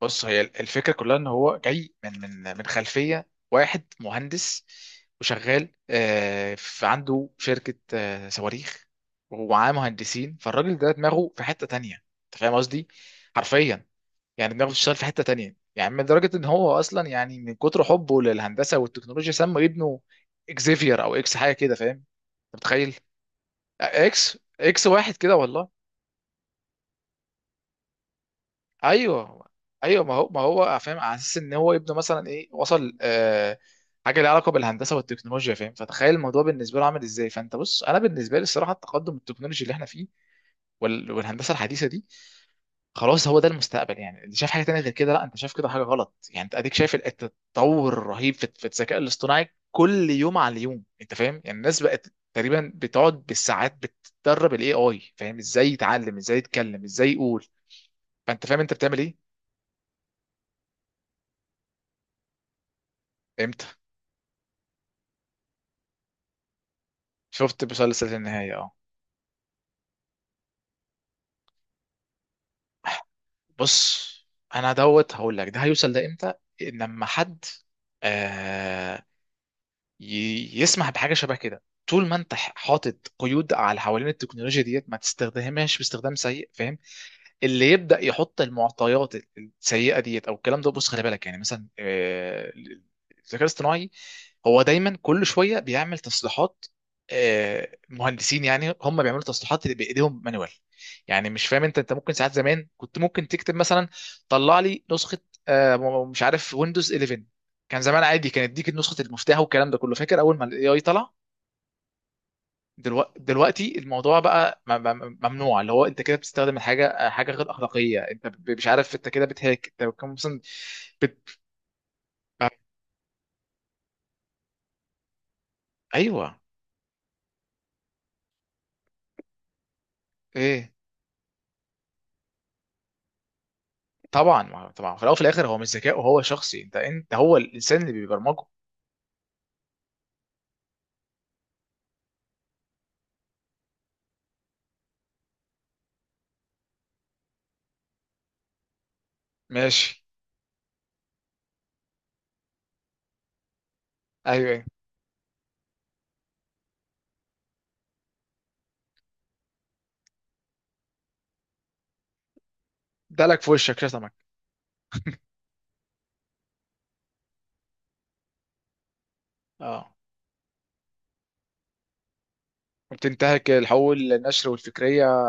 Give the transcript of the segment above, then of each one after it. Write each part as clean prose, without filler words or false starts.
بص هي الفكره كلها ان هو جاي من خلفيه واحد مهندس وشغال في عنده شركه صواريخ ومعاه مهندسين فالراجل ده دماغه في حته تانية. انت فاهم قصدي؟ حرفيا يعني دماغه بتشتغل في حته تانية، يعني من درجه ان هو اصلا يعني من كتر حبه للهندسه والتكنولوجيا سمى ابنه اكزيفير او اكس حاجه كده، فاهم؟ انت متخيل؟ اكس اكس واحد كده والله. ايوه، ايوه ما هو فاهم على اساس ان هو يبدو مثلا ايه وصل حاجه ليها علاقه بالهندسه والتكنولوجيا، فاهم؟ فتخيل الموضوع بالنسبه له عامل ازاي. فانت بص، انا بالنسبه لي الصراحه التقدم التكنولوجي اللي احنا فيه والهندسه الحديثه دي خلاص هو ده المستقبل. يعني اللي شاف حاجه تانية غير كده لا، انت شايف كده حاجه غلط. يعني انت اديك شايف التطور الرهيب في الذكاء الاصطناعي كل يوم على اليوم، انت فاهم؟ يعني الناس بقت تقريبا بتقعد بالساعات بتدرب الاي اي فاهم ازاي يتعلم، ازاي يتكلم، ازاي يقول. فانت فاهم انت بتعمل ايه؟ امتى؟ شفت مسلسل النهاية، اه. بص انا دوت هقول لك ده هيوصل ده امتى. لما حد آه يسمح بحاجه شبه كده، طول ما انت حاطط قيود على حوالين التكنولوجيا ديت ما تستخدمهاش باستخدام سيء، فاهم؟ اللي يبدا يحط المعطيات السيئه ديت او الكلام ده، بص خلي بالك. يعني مثلا الذكاء الاصطناعي هو دايما كل شويه بيعمل تصليحات. مهندسين يعني هم بيعملوا تصليحات اللي بايديهم مانوال. يعني مش فاهم انت؟ انت ممكن ساعات زمان كنت ممكن تكتب مثلا طلع لي نسخه مش عارف ويندوز 11، كان زمان عادي كان يديك نسخه المفتاح والكلام ده كله. فاكر اول ما الاي اي طلع؟ دلوقتي الموضوع بقى ممنوع. اللي هو انت كده بتستخدم حاجه، غير اخلاقيه، انت مش عارف انت كده بتهاك، انت بتكون مثلا بت... آه، ايوه. ايه؟ طبعا طبعا في الاول وفي الاخر هو مش ذكاء، وهو شخصي انت هو الانسان اللي بيبرمجه. ماشي. ايوه ايوه. دلك في وشك شتمك. اه، وبتنتهك الحقوق النشر والفكريه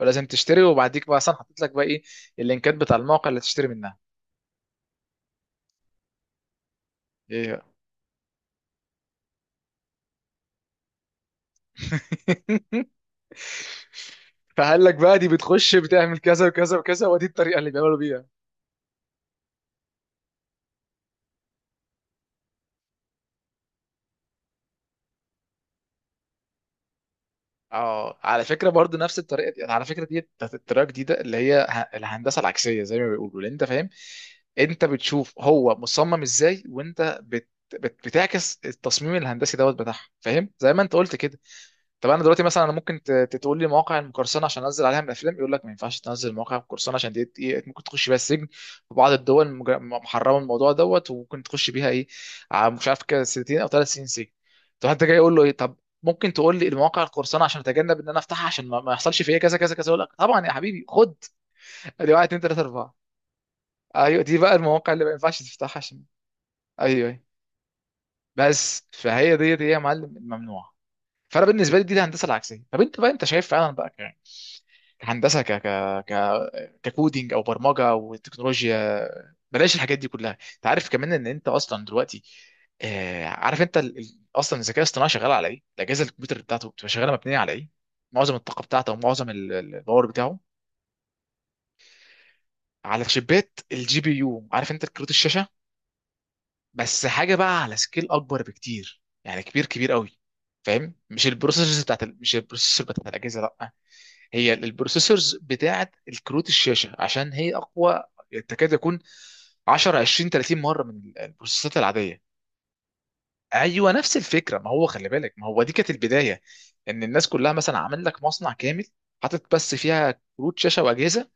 ولازم تشتري. وبعديك بقى اصلا حطيت لك بقى ايه اللينكات بتاع المواقع اللي تشتري منها. ايه بقى. فقال لك بقى دي بتخش بتعمل كذا وكذا وكذا ودي الطريقه اللي بيعملوا بيها. اه، على فكره برضو نفس الطريقه دي، على فكره دي بتاعت الطريقه الجديده اللي هي الهندسه العكسيه زي ما بيقولوا، اللي انت فاهم. انت بتشوف هو مصمم ازاي، وانت بتعكس التصميم الهندسي دوت بتاعها، فاهم؟ زي ما انت قلت كده. طب انا دلوقتي مثلا انا ممكن تقول لي مواقع المقرصنه عشان انزل عليها من الافلام، يقول لك ما ينفعش تنزل مواقع المقرصنه عشان دي ايه ممكن تخش بيها السجن في بعض الدول. محرمه الموضوع دوت وممكن تخش بيها ايه مش عارف كده سنتين او 3 سنين سجن. طب انت جاي يقول له ايه؟ طب ممكن تقول لي المواقع القرصنه عشان اتجنب ان انا افتحها، عشان ما يحصلش فيا كذا كذا كذا، اقول لك طبعا يا حبيبي خد، ادي 1 2 3 4، ايوه دي بقى المواقع اللي ما ينفعش تفتحها عشان. ايوه ايوه. بس فهي دي يا معلم الممنوعه. فانا بالنسبه لي دي الهندسه العكسيه. طب انت بقى انت شايف فعلا بقى ك- كهندسه ك ك ك ككودينج او برمجه او تكنولوجيا، بلاش الحاجات دي كلها. انت عارف كمان ان انت اصلا دلوقتي عارف انت اصلا الذكاء الاصطناعي شغال على ايه؟ الاجهزه الكمبيوتر بتاعته بتبقى شغاله مبنيه على ايه؟ معظم الطاقه بتاعته ومعظم الباور بتاعه على شيبات الجي بي يو، عارف انت كروت الشاشه؟ بس حاجه بقى على سكيل اكبر بكتير، يعني كبير قوي، فاهم؟ مش البروسيسورز بتاعت مش البروسيسور بتاعت الاجهزه لا، هي البروسيسورز بتاعه الكروت الشاشه عشان هي اقوى، تكاد يكون 10 20 30 مره من البروسيسات العاديه. ايوه نفس الفكره، ما هو خلي بالك، ما هو دي كانت البدايه. ان الناس كلها مثلا عامل لك مصنع كامل حاطط بس فيها كروت شاشه واجهزه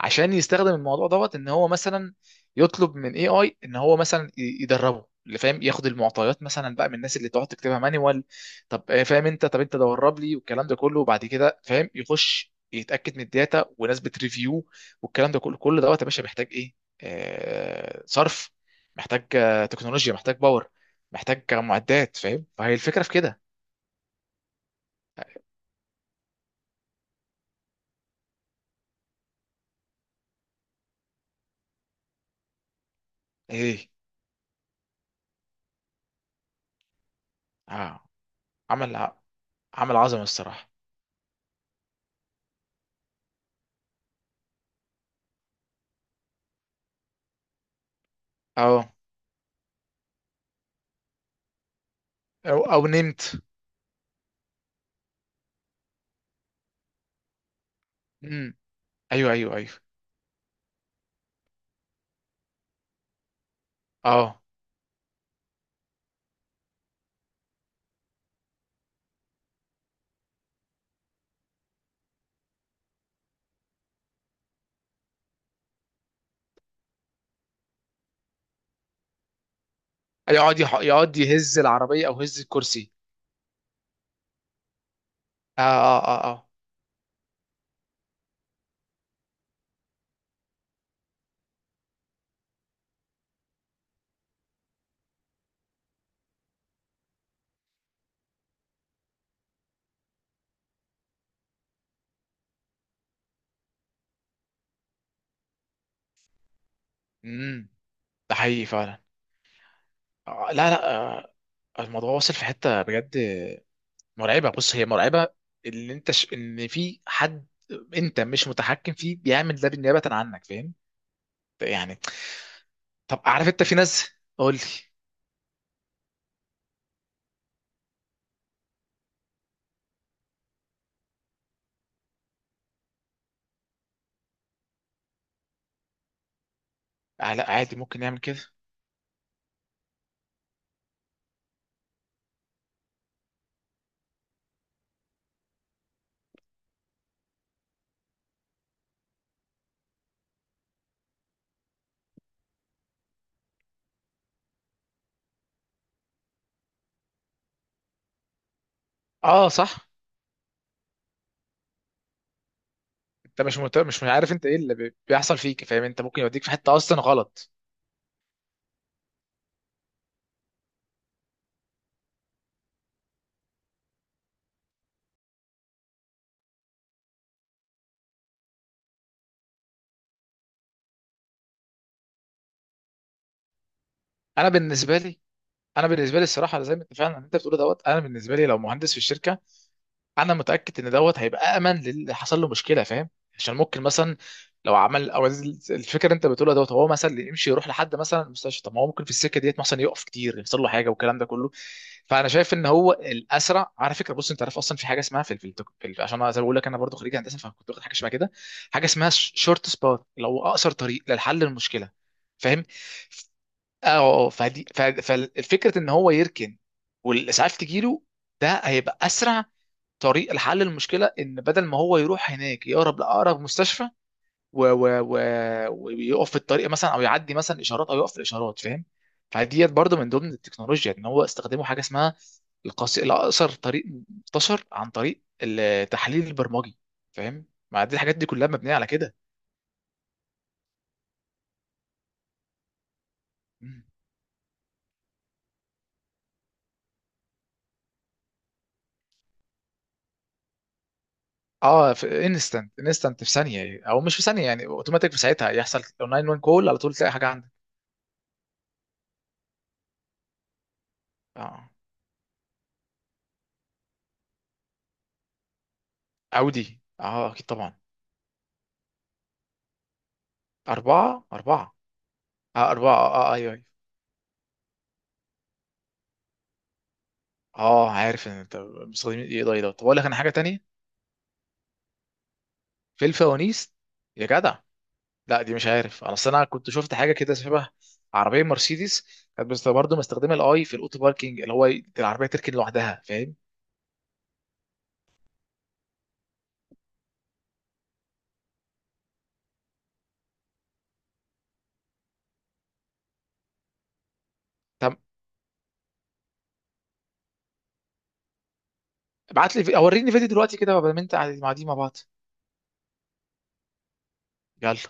عشان يستخدم الموضوع دوت، ان هو مثلا يطلب من اي اي ان هو مثلا يدربه، اللي فاهم ياخد المعطيات مثلا بقى من الناس اللي تقعد تكتبها مانيوال. طب فاهم انت؟ طب انت دورب لي والكلام ده كله، وبعد كده فاهم يخش يتاكد من الداتا وناس بتريفيو والكلام ده كله، كل دوت يا باشا محتاج ايه؟ آه صرف، محتاج تكنولوجيا، محتاج باور، محتاج معدات، فاهم؟ فهي الفكره في كده. ايه؟ اه، عمل ع- عمل عظمه الصراحه. اه. او او نمت. امم. ايوه ايوه ايوه. اه، يقعد يهز العربيه او يهز الكرسي. اه اه اه اه. امم. ده حقيقي فعلا. لا لا، الموضوع واصل في حته بجد مرعبه. بص هي مرعبه، اللي انت ان في حد انت مش متحكم فيه بيعمل ده بالنيابه عنك، فاهم؟ يعني طب عارف انت في ناس؟ قول لي. لا عادي، ممكن يعمل كده. اه صح، انت مش عارف انت ايه اللي بيحصل فيك، فاهم؟ انت ممكن يوديك في حته اصلا غلط. انا بالنسبه لي انا بالنسبه لي الصراحه زي ما انت فعلا انت بتقول دوت، انا بالنسبه لي لو مهندس في الشركه انا متاكد ان دوت هيبقى امن للي حصل له مشكله، فاهم؟ عشان ممكن مثلا لو عمل او الفكره اللي انت بتقولها دوت هو مثلا اللي يمشي يروح لحد مثلا المستشفى، طب ما هو ممكن في السكه ديت مثلا يقف كتير يحصل له حاجه والكلام ده كله. فانا شايف ان هو الاسرع. على فكره بص انت عارف اصلا في حاجه اسمها عشان انا زي ما بقول لك انا برضو خريج هندسه، فكنت واخد حاجه شبه كده، حاجه اسمها شورت سبات، اللي هو اقصر طريق للحل المشكله، فاهم؟ اه. فدي فالفكره ان هو يركن والاسعاف تجيله، ده هيبقى اسرع طريق لحل المشكله، ان بدل ما هو يروح هناك يقرب لاقرب مستشفى و... و... و... ويقف في الطريق مثلا، او يعدي مثلا اشارات، او يقف في الاشارات، فاهم؟ فديت برضو من ضمن التكنولوجيا ان هو استخدموا حاجه اسمها الاقصر طريق، منتشر عن طريق التحليل البرمجي، فاهم؟ ما دي الحاجات دي كلها مبنيه على كده. مم. اه في انستنت، انستنت في ثانيه، او مش في ثانيه يعني اوتوماتيك في ساعتها يحصل 911 كول على طول، تلاقي حاجه عندك. اه. اودي، اه اكيد طبعا. اربعه اربعه. اه، أربعة، اه اه، أيوه أيوه. اه عارف إن أنت مستخدمين. إيه ده؟ إيه ده؟ طب أقول لك أنا حاجة تانية. في الفوانيس؟ يا جدع. لا دي مش عارف، أنا أصل أنا كنت شفت حاجة كده شبه، عربية مرسيدس، كانت بس برضه مستخدمة الأي في الأوتو باركينج، اللي هو العربية تركن لوحدها، فاهم؟ طب ابعت لي أوريني فيديو دلوقتي كده بدل ما أنت قاعد مع دي مع بعض. يلا.